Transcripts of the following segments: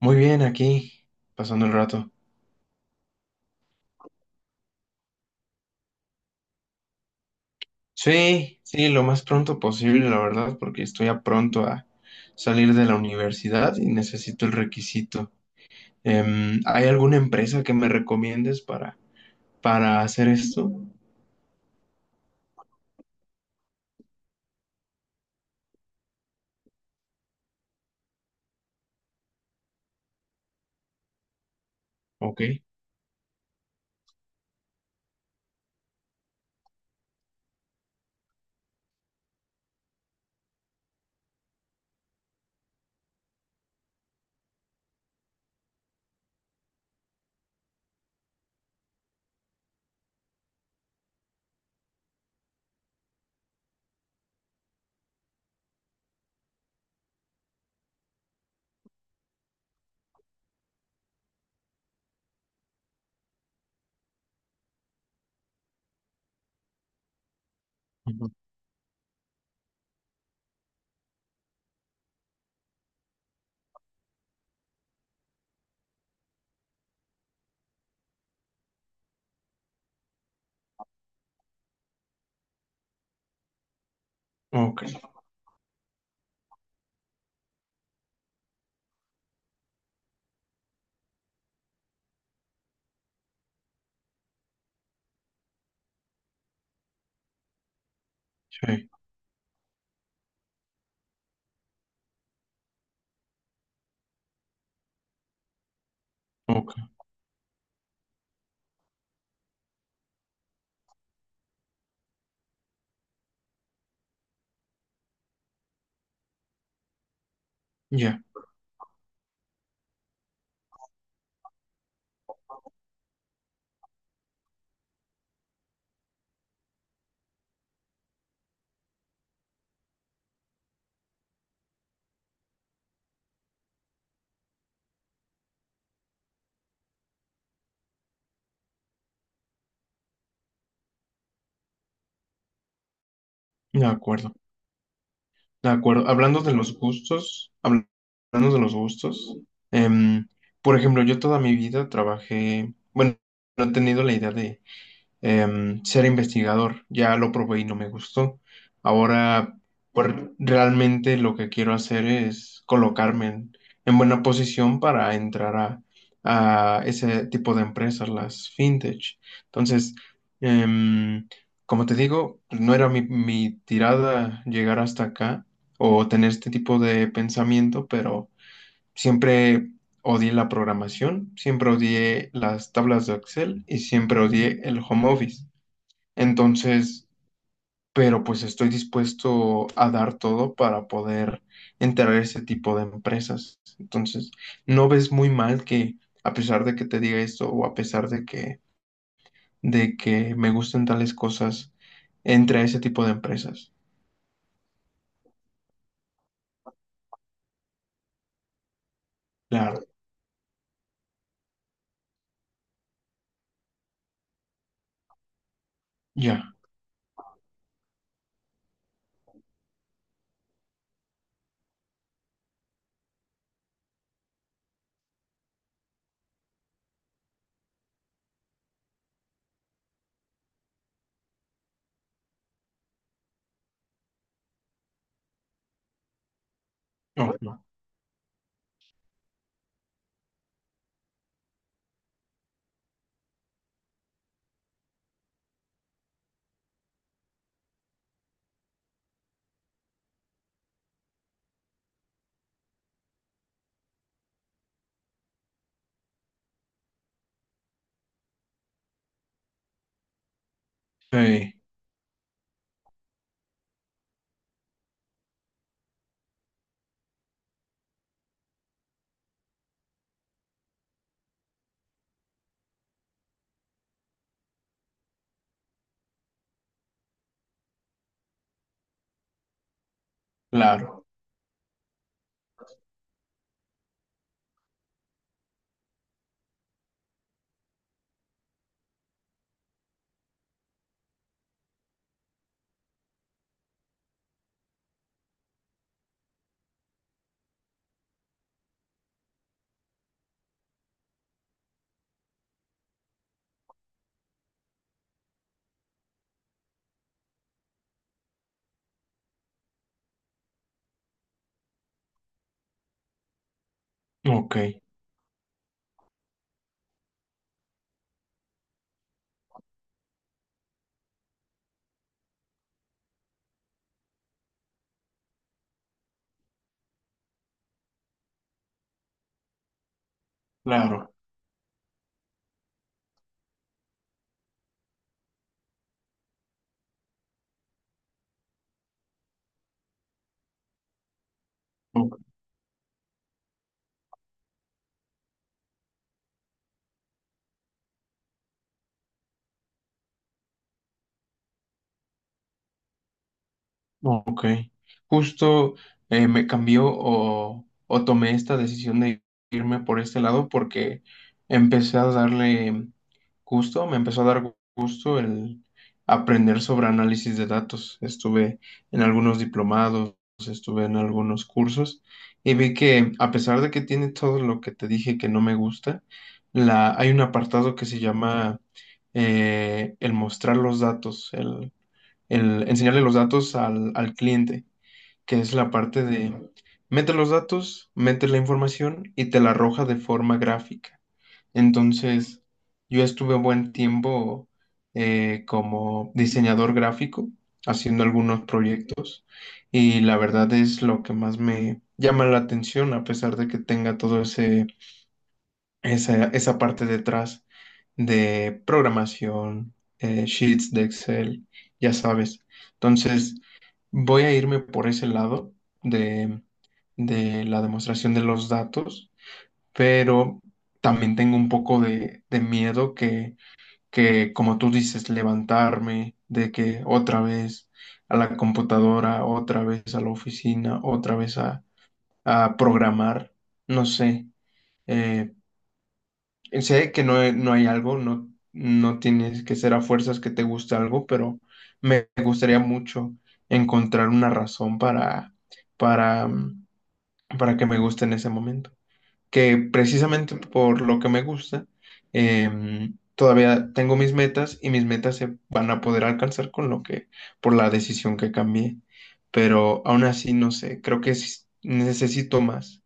Muy bien, aquí, pasando el rato. Sí, sí, lo más pronto posible, la verdad, porque estoy a pronto a salir de la universidad y necesito el requisito. ¿Hay alguna empresa que me recomiendes para hacer esto? Ok. Ujú. Ok, sí, ok, ya, de acuerdo, de acuerdo. Hablando de los gustos, hablando de los gustos, em, por ejemplo, yo toda mi vida trabajé, bueno, no he tenido la idea de ser investigador. Ya lo probé y no me gustó. Ahora, pues realmente lo que quiero hacer es colocarme en buena posición para entrar a ese tipo de empresas, las fintech. Entonces, em, como te digo, pues, no era mi tirada llegar hasta acá o tener este tipo de pensamiento, pero siempre odié la programación, siempre odié las tablas de Excel y siempre odié el home office. Entonces, pero pues estoy dispuesto a dar todo para poder entrar a ese tipo de empresas. Entonces, no ves muy mal que a pesar de que te diga esto o a pesar de que me gusten tales cosas, entre a ese tipo de empresas. Claro, ya, ok, sí, claro, ok, claro. Ok. Ok. Justo me cambió o tomé esta decisión de irme por este lado porque empecé a darle gusto, me empezó a dar gusto el aprender sobre análisis de datos. Estuve en algunos diplomados, estuve en algunos cursos y vi que a pesar de que tiene todo lo que te dije que no me gusta, hay un apartado que se llama el mostrar los datos, el enseñarle los datos al cliente, que es la parte de mete los datos, mete la información y te la arroja de forma gráfica. Entonces, yo estuve buen tiempo como diseñador gráfico haciendo algunos proyectos y la verdad es lo que más me llama la atención a pesar de que tenga todo ese esa parte detrás de programación, sheets de Excel, ya sabes. Entonces, voy a irme por ese lado de, de la demostración de los datos, pero también tengo un poco de miedo que, como tú dices, levantarme, de que otra vez a la computadora, otra vez a la oficina, otra vez a programar, no sé, eh, sé que no, no hay algo, no, no tienes que ser a fuerzas que te guste algo, pero me gustaría mucho encontrar una razón para, mm, para que me guste en ese momento. Que precisamente por lo que me gusta, todavía tengo mis metas y mis metas se van a poder alcanzar con lo que, por la decisión que cambié. Pero aún así, no sé, creo que sí necesito más.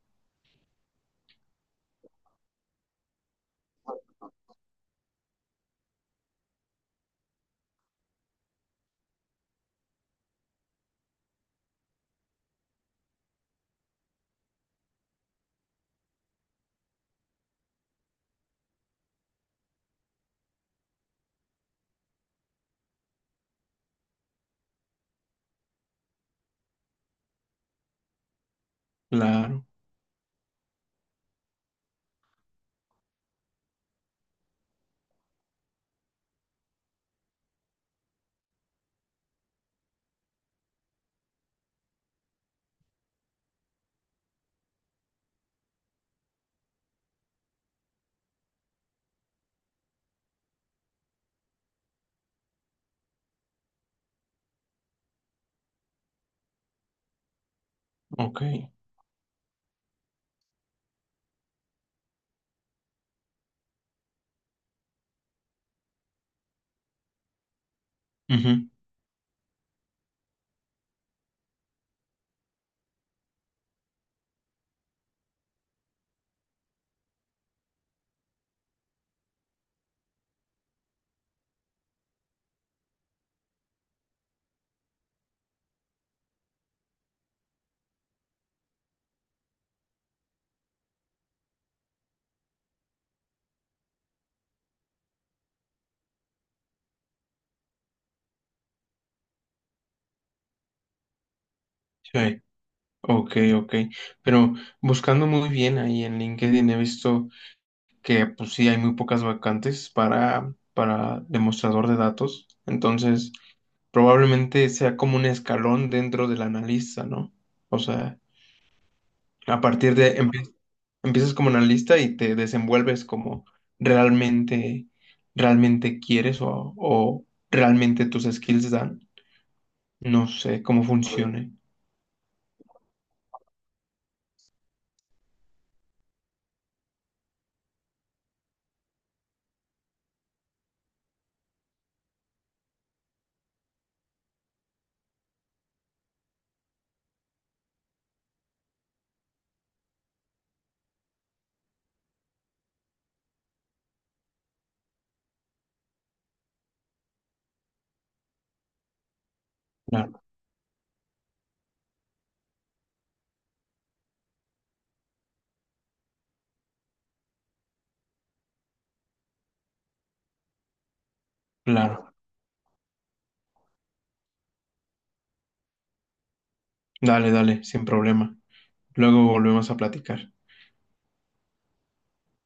Claro, ok. Ujú, sí. Ok, ok. Pero buscando muy bien ahí en LinkedIn he visto que pues sí hay muy pocas vacantes para demostrador de datos. Entonces, probablemente sea como un escalón dentro del analista, ¿no? O sea, a partir de empiezas como analista y te desenvuelves como realmente, realmente quieres o realmente tus skills dan. No sé cómo funcione. Claro, claro. Dale, dale, sin problema. Luego volvemos a platicar.